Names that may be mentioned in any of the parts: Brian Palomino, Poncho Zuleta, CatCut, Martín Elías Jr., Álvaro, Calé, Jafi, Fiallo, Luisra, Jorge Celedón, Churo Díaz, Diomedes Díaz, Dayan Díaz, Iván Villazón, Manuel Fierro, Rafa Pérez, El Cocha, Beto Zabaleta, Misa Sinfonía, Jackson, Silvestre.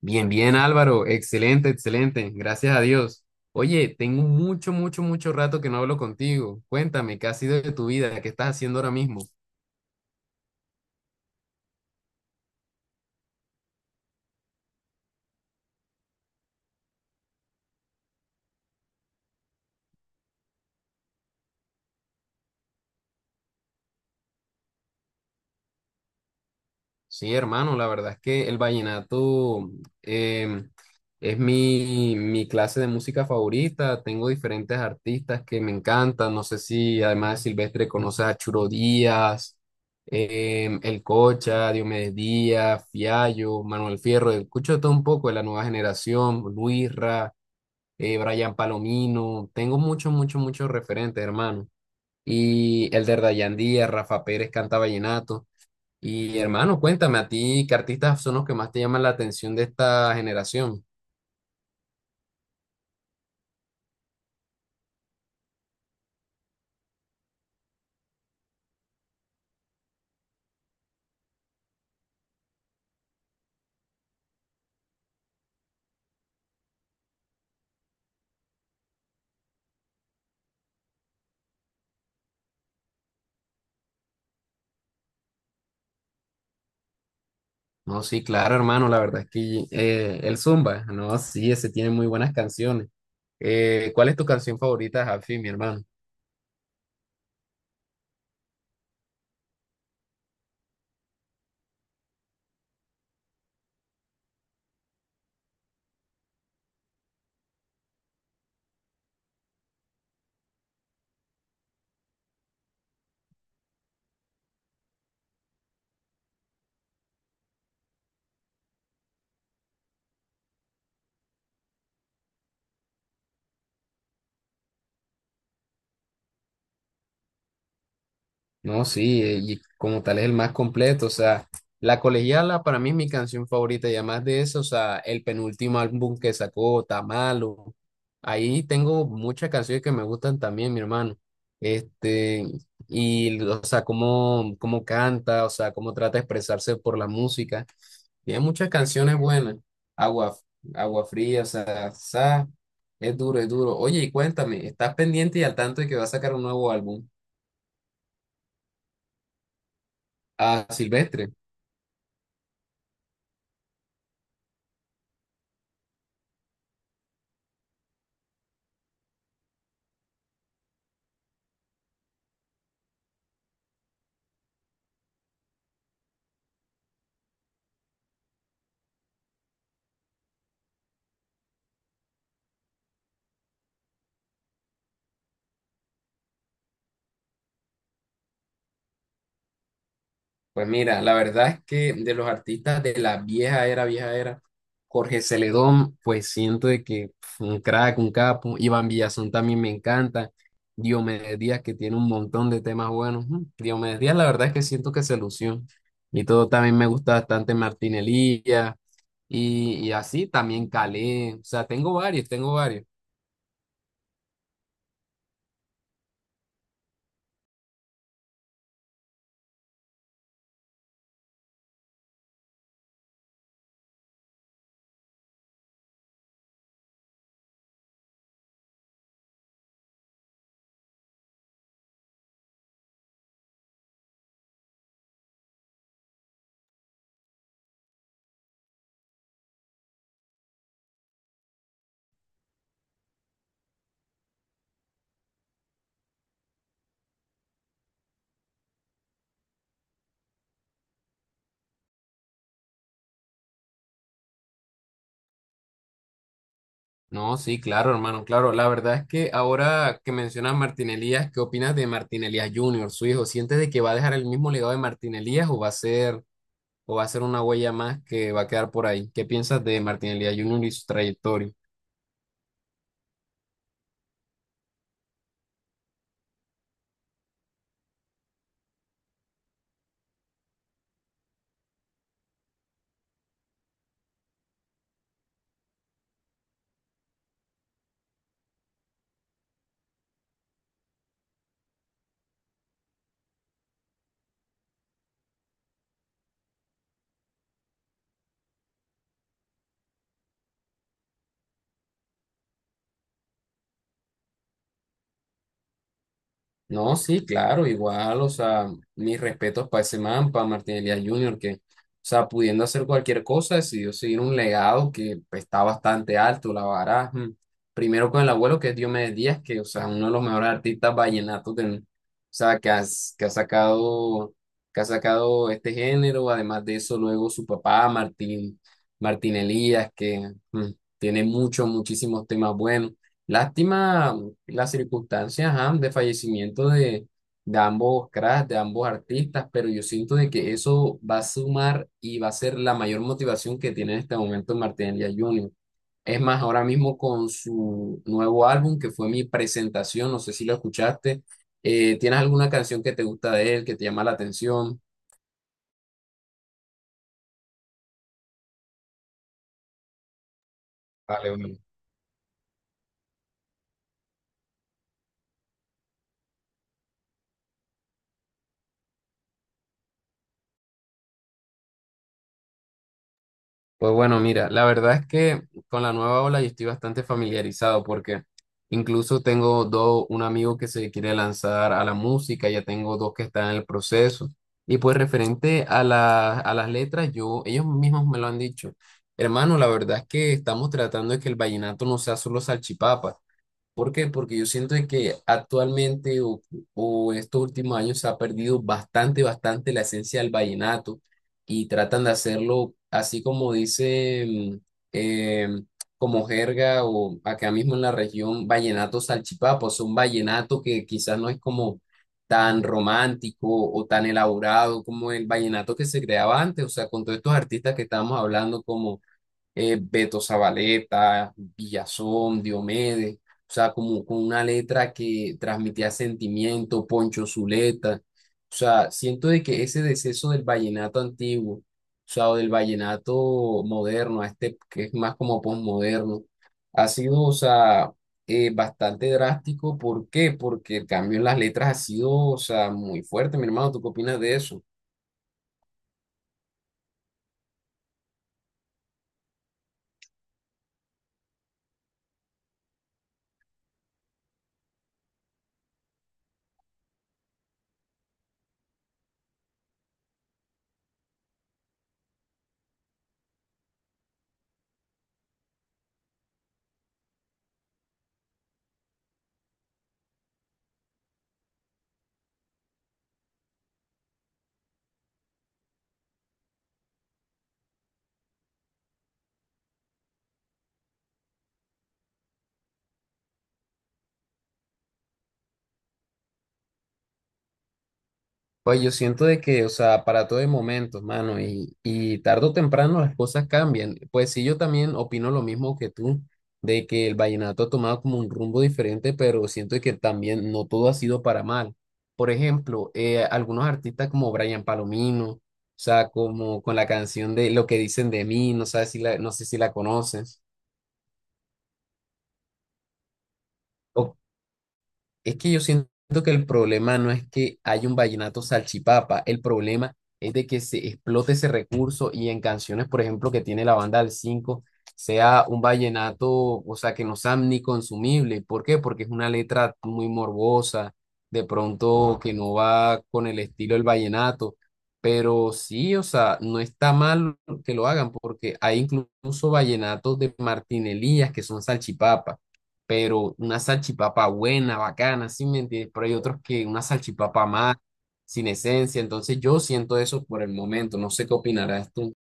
Bien, bien, Álvaro. Excelente, excelente. Gracias a Dios. Oye, tengo mucho, mucho, mucho rato que no hablo contigo. Cuéntame, ¿qué ha sido de tu vida? ¿Qué estás haciendo ahora mismo? Sí, hermano, la verdad es que el vallenato em, es mi clase de música favorita. Tengo diferentes artistas que me encantan. No sé si además de Silvestre conoces a Churo Díaz, El Cocha, Diomedes Díaz, Fiallo, Manuel Fierro. Escucho todo un poco de la nueva generación, Luisra. Brian Palomino, tengo muchos, muchos, muchos referentes, hermano. Y el de Dayan Díaz, Rafa Pérez canta vallenato. Y hermano, cuéntame, ¿a ti qué artistas son los que más te llaman la atención de esta generación? No, sí, claro, hermano, la verdad es que el Zumba, no, sí, ese tiene muy buenas canciones. ¿Cuál es tu canción favorita, Jafi, mi hermano? No, sí, y como tal es el más completo, o sea, La Colegiala para mí es mi canción favorita y además de eso, o sea, el penúltimo álbum que sacó, Tamalo, ahí tengo muchas canciones que me gustan también, mi hermano, este, y, o sea, cómo canta, o sea, cómo trata de expresarse por la música, tiene muchas canciones buenas, Agua, Agua Fría, o sea, es duro, es duro. Oye, y cuéntame, ¿estás pendiente y al tanto de que va a sacar un nuevo álbum? A Silvestre. Pues mira, la verdad es que de los artistas de la vieja era, Jorge Celedón, pues siento de que un crack, un capo, Iván Villazón también me encanta, Diomedes Díaz que tiene un montón de temas buenos, Diomedes Díaz la verdad es que siento que se lució, y todo también me gusta bastante Martín Elías, y así también Calé, o sea, tengo varios, tengo varios. No, sí, claro, hermano, claro. La verdad es que ahora que mencionas Martín Elías, ¿qué opinas de Martín Elías Jr., su hijo? ¿Sientes de que va a dejar el mismo legado de Martín Elías o va a ser una huella más que va a quedar por ahí? ¿Qué piensas de Martín Elías Jr. y su trayectoria? No, sí, claro, igual, o sea, mis respetos para ese man, para Martín Elías Jr., que, o sea, pudiendo hacer cualquier cosa, decidió seguir un legado que pues, está bastante alto, la vara. Primero con el abuelo, que es Diomedes Díaz, que, o sea, uno de los mejores artistas vallenatos del, o sea, que, que ha sacado, este género. Además de eso, luego su papá, Martín Elías, que tiene muchos, muchísimos temas buenos. Lástima las circunstancias ajá, de fallecimiento de ambos cracks, de ambos artistas, pero yo siento de que eso va a sumar y va a ser la mayor motivación que tiene en este momento Martín Elías Jr. Es más, ahora mismo con su nuevo álbum, que fue mi presentación, no sé si lo escuchaste, ¿tienes alguna canción que te gusta de él, que te llama la atención? Vale, vale. Pues bueno, mira, la verdad es que con la nueva ola yo estoy bastante familiarizado porque incluso tengo dos, un amigo que se quiere lanzar a la música, ya tengo dos que están en el proceso. Y pues referente a a las letras, yo, ellos mismos me lo han dicho. Hermano, la verdad es que estamos tratando de que el vallenato no sea solo salchipapa. ¿Por qué? Porque yo siento de que actualmente o estos últimos años se ha perdido bastante, bastante la esencia del vallenato y tratan de hacerlo así como dice, em, como jerga o acá mismo en la región, vallenato salchipapa, es un vallenato que quizás no es como tan romántico o tan elaborado como el vallenato que se creaba antes, o sea, con todos estos artistas que estábamos hablando como Beto Zabaleta, Villazón, Diomedes, o sea, como con una letra que transmitía sentimiento, Poncho Zuleta, o sea, siento de que ese deceso del vallenato antiguo, o sea, o del vallenato moderno, a este que es más como posmoderno, ha sido, o sea, bastante drástico. ¿Por qué? Porque el cambio en las letras ha sido, o sea, muy fuerte, mi hermano, ¿tú qué opinas de eso? Pues yo siento de que, o sea, para todo hay momentos, mano, y tarde o temprano las cosas cambian. Pues sí, yo también opino lo mismo que tú, de que el vallenato ha tomado como un rumbo diferente, pero siento que también no todo ha sido para mal. Por ejemplo, algunos artistas como Brian Palomino, o sea, como con la canción de Lo que dicen de mí, no sé si la conoces, o Es que yo siento que el problema no es que haya un vallenato salchipapa, el problema es de que se explote ese recurso y en canciones, por ejemplo, que tiene la banda del 5, sea un vallenato, o sea, que no sea ni consumible. ¿Por qué? Porque es una letra muy morbosa, de pronto que no va con el estilo del vallenato. Pero sí, o sea, no está mal que lo hagan, porque hay incluso vallenatos de Martín Elías que son salchipapas pero una salchipapa buena, bacana, ¿sí me entiendes? Pero hay otros que una salchipapa más, sin esencia, entonces yo siento eso por el momento, no sé qué opinarás tú.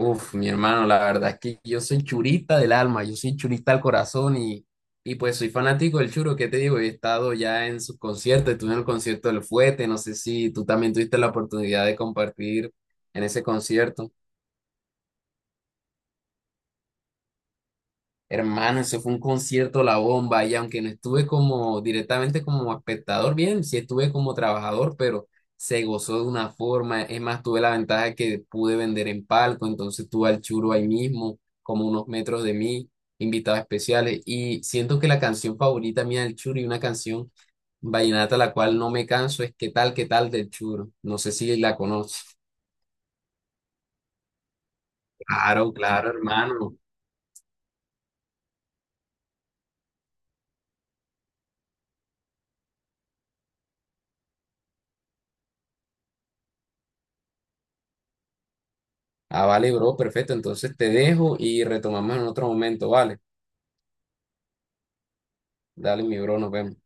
Uf, mi hermano, la verdad es que yo soy churista del alma, yo soy churista al corazón y pues soy fanático del churo, ¿qué te digo? He estado ya en sus conciertos, estuve en el concierto del Fuete, no sé si tú también tuviste la oportunidad de compartir en ese concierto. Hermano, eso fue un concierto la bomba y aunque no estuve como directamente como espectador, bien, sí estuve como trabajador, pero se gozó de una forma. Es más, tuve la ventaja que pude vender en palco, entonces tuve al Churo ahí mismo, como unos metros de mí, invitados especiales. Y siento que la canción favorita mía del Churo y una canción vallenata la cual no me canso es qué tal del Churo? No sé si la conoces. Claro, claro, hermano. Ah, vale, bro, perfecto. Entonces te dejo y retomamos en otro momento, ¿vale? Dale, mi bro, nos vemos.